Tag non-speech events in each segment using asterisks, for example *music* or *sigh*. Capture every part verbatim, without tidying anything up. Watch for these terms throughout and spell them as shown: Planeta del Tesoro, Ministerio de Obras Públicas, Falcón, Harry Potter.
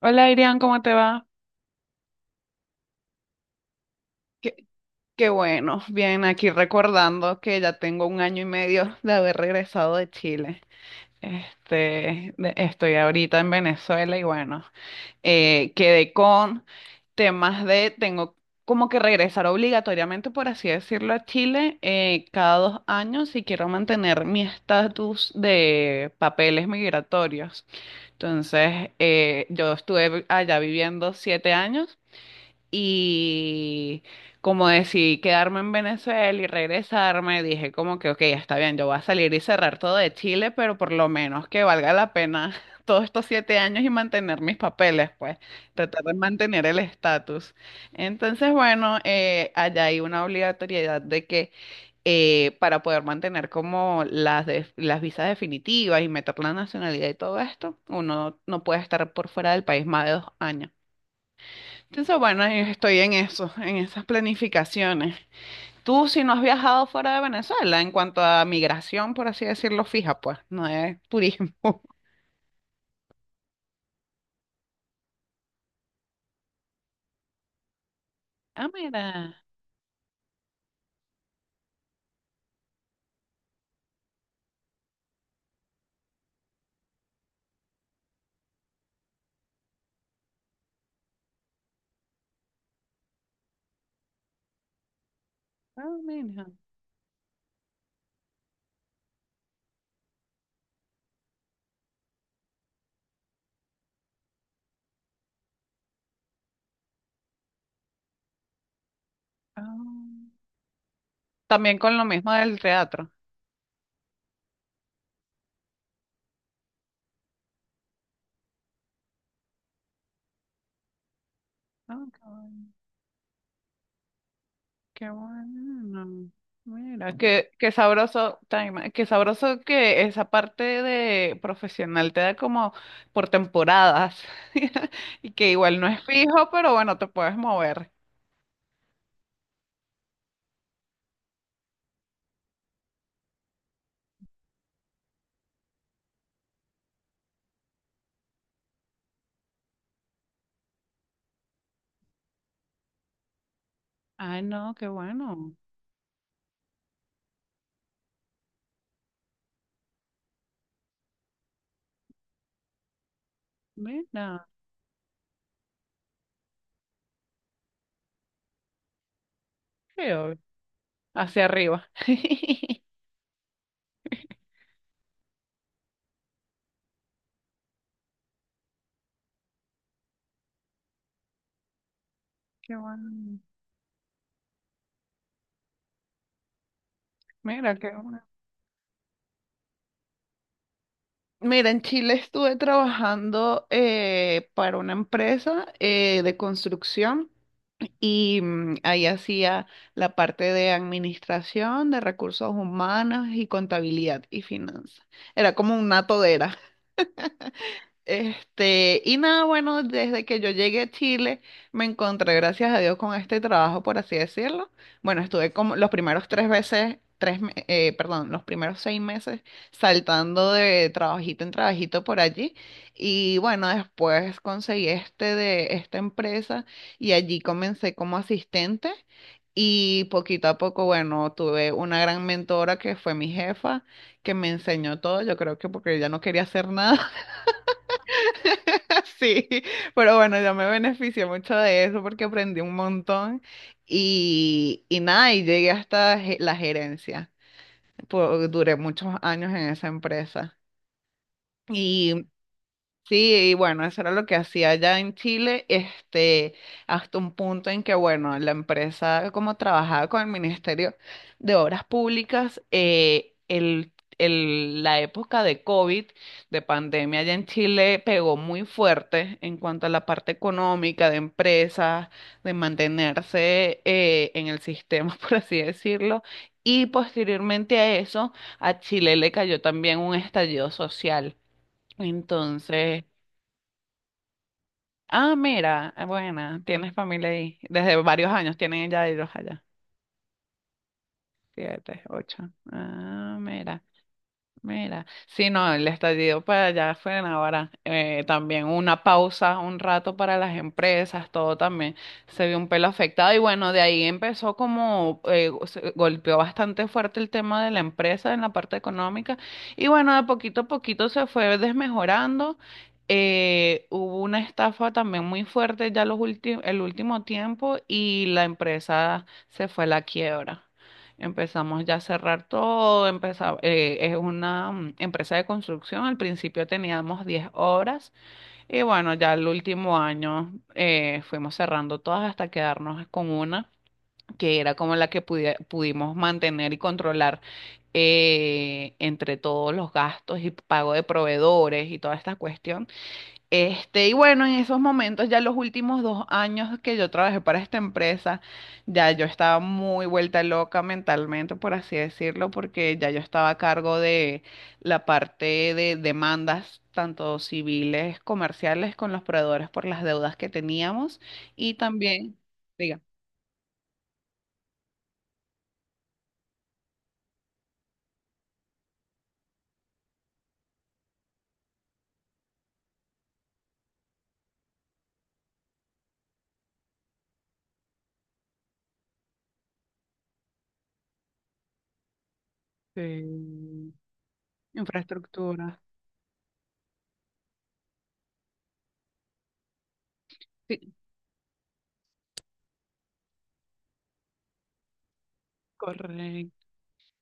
Hola Irian, ¿cómo te va? Qué, qué bueno, bien, aquí recordando que ya tengo un año y medio de haber regresado de Chile. Este, de- estoy ahorita en Venezuela y bueno, eh, quedé con temas de, tengo como que regresar obligatoriamente, por así decirlo, a Chile, eh, cada dos años si quiero mantener mi estatus de papeles migratorios. Entonces, eh, yo estuve allá viviendo siete años. Y como decidí quedarme en Venezuela y regresarme, dije como que, ok, está bien, yo voy a salir y cerrar todo de Chile, pero por lo menos que valga la pena *laughs* todos estos siete años y mantener mis papeles, pues, tratar de mantener el estatus. Entonces, bueno, eh, allá hay una obligatoriedad de que eh, para poder mantener como las, de- las visas definitivas y meter la nacionalidad y todo esto, uno no puede estar por fuera del país más de dos años. Entonces, bueno, eh, estoy en eso, en esas planificaciones. Tú, si no has viajado fuera de Venezuela, en cuanto a migración, por así decirlo, fija, pues, no es turismo. *laughs* Ah, mira, ah, mira. Ah. También con lo mismo del teatro. Ah, qué bueno. Qué bueno. Mira, qué, qué sabroso, Taima, qué sabroso que esa parte de profesional te da como por temporadas *laughs* y que igual no es fijo, pero bueno, te puedes mover. Ay, no, qué bueno. Mira, creo, hacia arriba. *laughs* Qué bueno. Mira, qué bueno. Mira, en Chile estuve trabajando, eh, para una empresa, eh, de construcción y mm, ahí hacía la parte de administración, de recursos humanos y contabilidad y finanzas. Era como una todera. Este, y nada, bueno, desde que yo llegué a Chile, me encontré, gracias a Dios, con este trabajo, por así decirlo. Bueno, estuve como los primeros tres veces, tres, me- eh, perdón, los primeros seis meses saltando de trabajito en trabajito por allí. Y bueno, después conseguí este de esta empresa y allí comencé como asistente. Y poquito a poco, bueno, tuve una gran mentora que fue mi jefa, que me enseñó todo. Yo creo que porque ella no quería hacer nada. *laughs* Sí, pero bueno, yo me beneficié mucho de eso porque aprendí un montón y, y nada, y llegué hasta ge- la gerencia. Pu- duré muchos años en esa empresa. y Sí, y bueno, eso era lo que hacía allá en Chile, este, hasta un punto en que, bueno, la empresa como trabajaba con el Ministerio de Obras Públicas, eh, el, el- la época de COVID, de pandemia allá en Chile, pegó muy fuerte en cuanto a la parte económica de empresas, de mantenerse, eh, en el sistema, *laughs* por así decirlo, y posteriormente a eso, a Chile le cayó también un estallido social. Entonces... Ah, mira, ah, buena, tienes familia ahí. Desde varios años tienen ya ellos allá. Siete, ocho. Ah, mira. Mira, sí, no, el estallido para allá fue en ahora. eh, también una pausa, un rato para las empresas, todo también se vio un pelo afectado. Y bueno, de ahí empezó como, eh, se golpeó bastante fuerte el tema de la empresa en la parte económica. Y bueno, de poquito a poquito se fue desmejorando. Eh, hubo una estafa también muy fuerte ya los últimos, el último tiempo y la empresa se fue a la quiebra. Empezamos ya a cerrar todo, empezaba, eh, es una mm, empresa de construcción, al principio teníamos diez obras y bueno, ya el último año, eh, fuimos cerrando todas hasta quedarnos con una que era como la que pudi- pudimos mantener y controlar, eh, entre todos los gastos y pago de proveedores y toda esta cuestión. Este, y bueno, en esos momentos, ya los últimos dos años que yo trabajé para esta empresa, ya yo estaba muy vuelta loca mentalmente, por así decirlo, porque ya yo estaba a cargo de la parte de demandas, tanto civiles, comerciales, con los proveedores por las deudas que teníamos y también, diga, sí, infraestructura. Sí, correcto.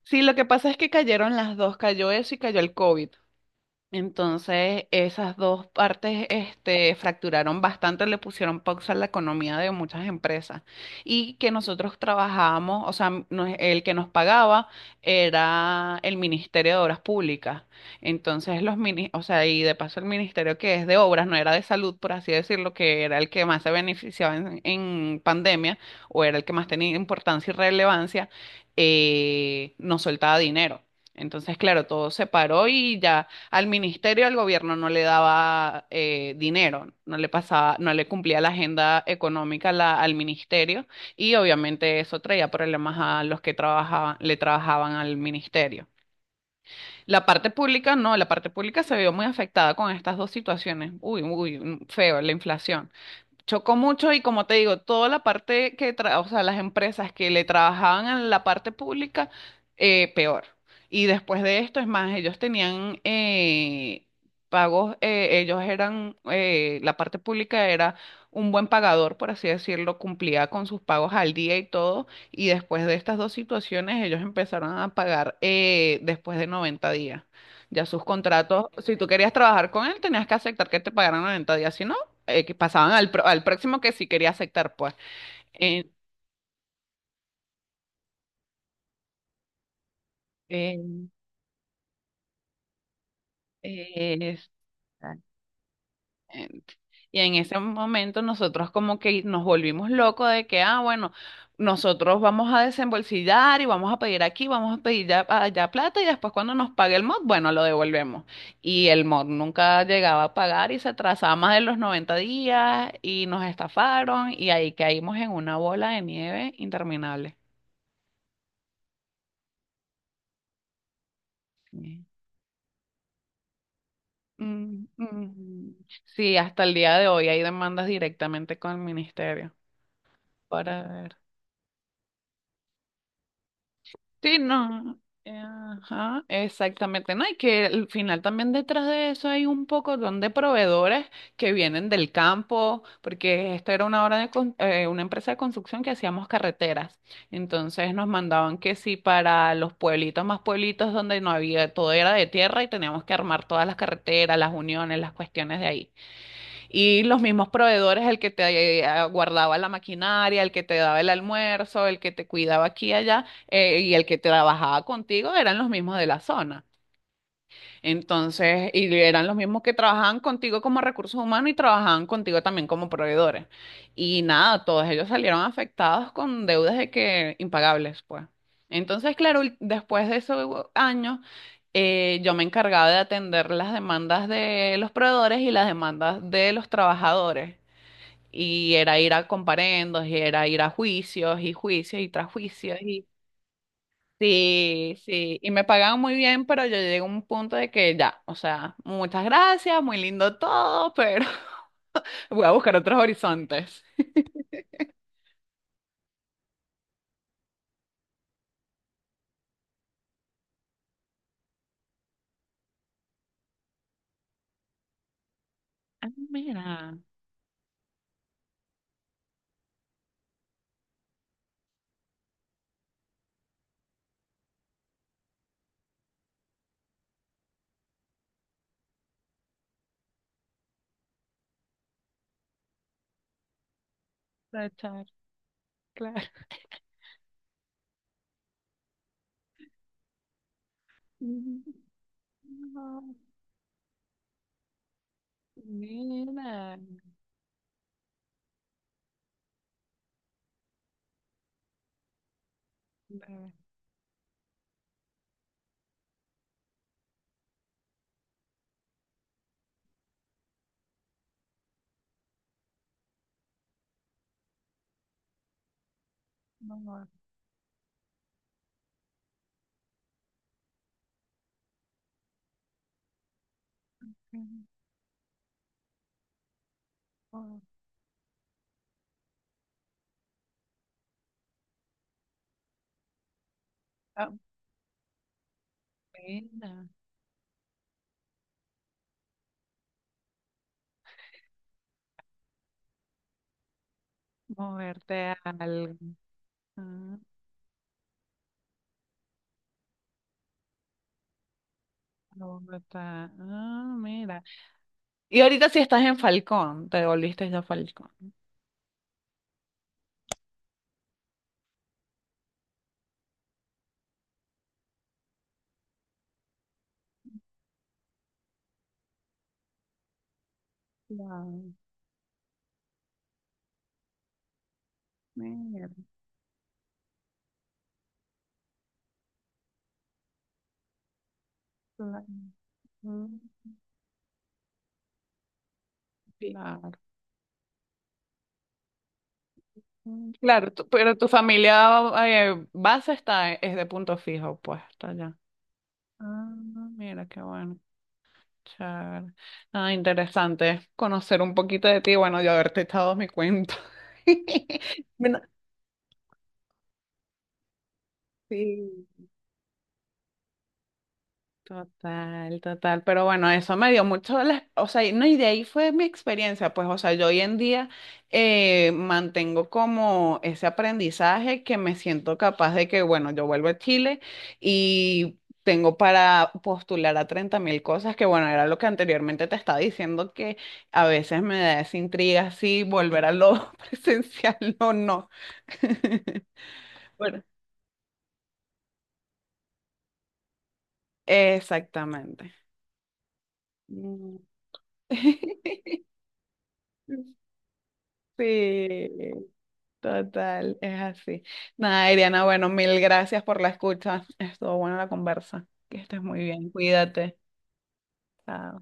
Sí, lo que pasa es que cayeron las dos, cayó eso y cayó el COVID. Entonces, esas dos partes, este, fracturaron bastante, le pusieron pausa a la economía de muchas empresas. Y que nosotros trabajábamos, o sea, nos- el que nos pagaba era el Ministerio de Obras Públicas. Entonces, los mini, o sea, y de paso el Ministerio que es de Obras, no era de Salud, por así decirlo, que era el que más se beneficiaba en, en pandemia, o era el que más tenía importancia y relevancia, eh, nos soltaba dinero. Entonces, claro, todo se paró y ya. Al ministerio, al gobierno no le daba, eh, dinero, no le pasaba, no le cumplía la agenda económica la- al ministerio y obviamente eso traía problemas a los que trabajaban, le trabajaban al ministerio. La parte pública no, la parte pública se vio muy afectada con estas dos situaciones. Uy, uy, feo, la inflación chocó mucho y como te digo, toda la parte que, tra- o sea, las empresas que le trabajaban a la parte pública, eh, peor. Y después de esto, es más, ellos tenían, eh, pagos, eh, ellos eran, eh, la parte pública era un buen pagador, por así decirlo, cumplía con sus pagos al día y todo. Y después de estas dos situaciones, ellos empezaron a pagar, eh, después de noventa días. Ya sus contratos, si tú querías trabajar con él, tenías que aceptar que te pagaran noventa días, si no, eh, que pasaban al, pro- al próximo que sí quería aceptar, pues. En- en- eh, Exactamente. Y en ese momento nosotros como que nos volvimos locos de que, ah, bueno, nosotros vamos a desembolsillar y vamos a pedir aquí, vamos a pedir ya- allá plata y después cuando nos pague el mod, bueno, lo devolvemos. Y el mod nunca llegaba a pagar y se atrasaba más de los noventa días y nos estafaron y ahí caímos en una bola de nieve interminable. Sí. Mm, mm. Sí, hasta el día de hoy hay demandas directamente con el ministerio para ver. Sí, no. eh, Ajá, exactamente. No, y que al final también detrás de eso hay un poco de proveedores que vienen del campo, porque esta era una obra de con- eh, una empresa de construcción que hacíamos carreteras. Entonces nos mandaban que sí para los pueblitos más pueblitos donde no había, todo era de tierra y teníamos que armar todas las carreteras, las uniones, las cuestiones de ahí. Y los mismos proveedores, el que te, eh, guardaba la maquinaria, el que te daba el almuerzo, el que te cuidaba aquí y allá, eh, y el que trabajaba contigo, eran los mismos de la zona. Entonces, y eran los mismos que trabajaban contigo como recursos humanos y trabajaban contigo también como proveedores. Y nada, todos ellos salieron afectados con deudas de que impagables, pues. Entonces, claro, ul- después de esos años, eh, yo me encargaba de atender las demandas de los proveedores y las demandas de los trabajadores. Y era ir a comparendos, y era ir a juicios y juicios y tras juicios. Sí, sí, y me pagaban muy bien, pero yo llegué a un punto de que ya, o sea, muchas gracias, muy lindo todo, pero *laughs* voy a buscar otros horizontes. Ah, mira, aprovechar, claro. *laughs* Mm, no, mira, no, no, no, ah, mira, moverte a algo. Ah, a Bogotá, ah, mira. Y ahorita si estás en Falcón, te volviste ya a Falcón. Claro, mira, claro. Mm, claro. Mm, claro, tu- pero tu familia, eh, base está, es de punto fijo, pues, está allá. Ah, mira, qué bueno, chévere. Ah, interesante conocer un poquito de ti, bueno, yo haberte echado mi cuento. *laughs* Bueno, sí. Total, total. Pero bueno, eso me dio mucho, la- o sea, y no, y de ahí fue mi experiencia, pues, o sea, yo hoy en día, eh, mantengo como ese aprendizaje que me siento capaz de que, bueno, yo vuelvo a Chile y tengo para postular a treinta mil cosas, que bueno, era lo que anteriormente te estaba diciendo, que a veces me da esa intriga si volver a lo *laughs* presencial o no. *laughs* Bueno, exactamente. Mm. *laughs* Sí, total, es así. Nada, Iriana, bueno, mil gracias por la escucha. Estuvo buena la conversa. Que estés muy bien, cuídate. Chao.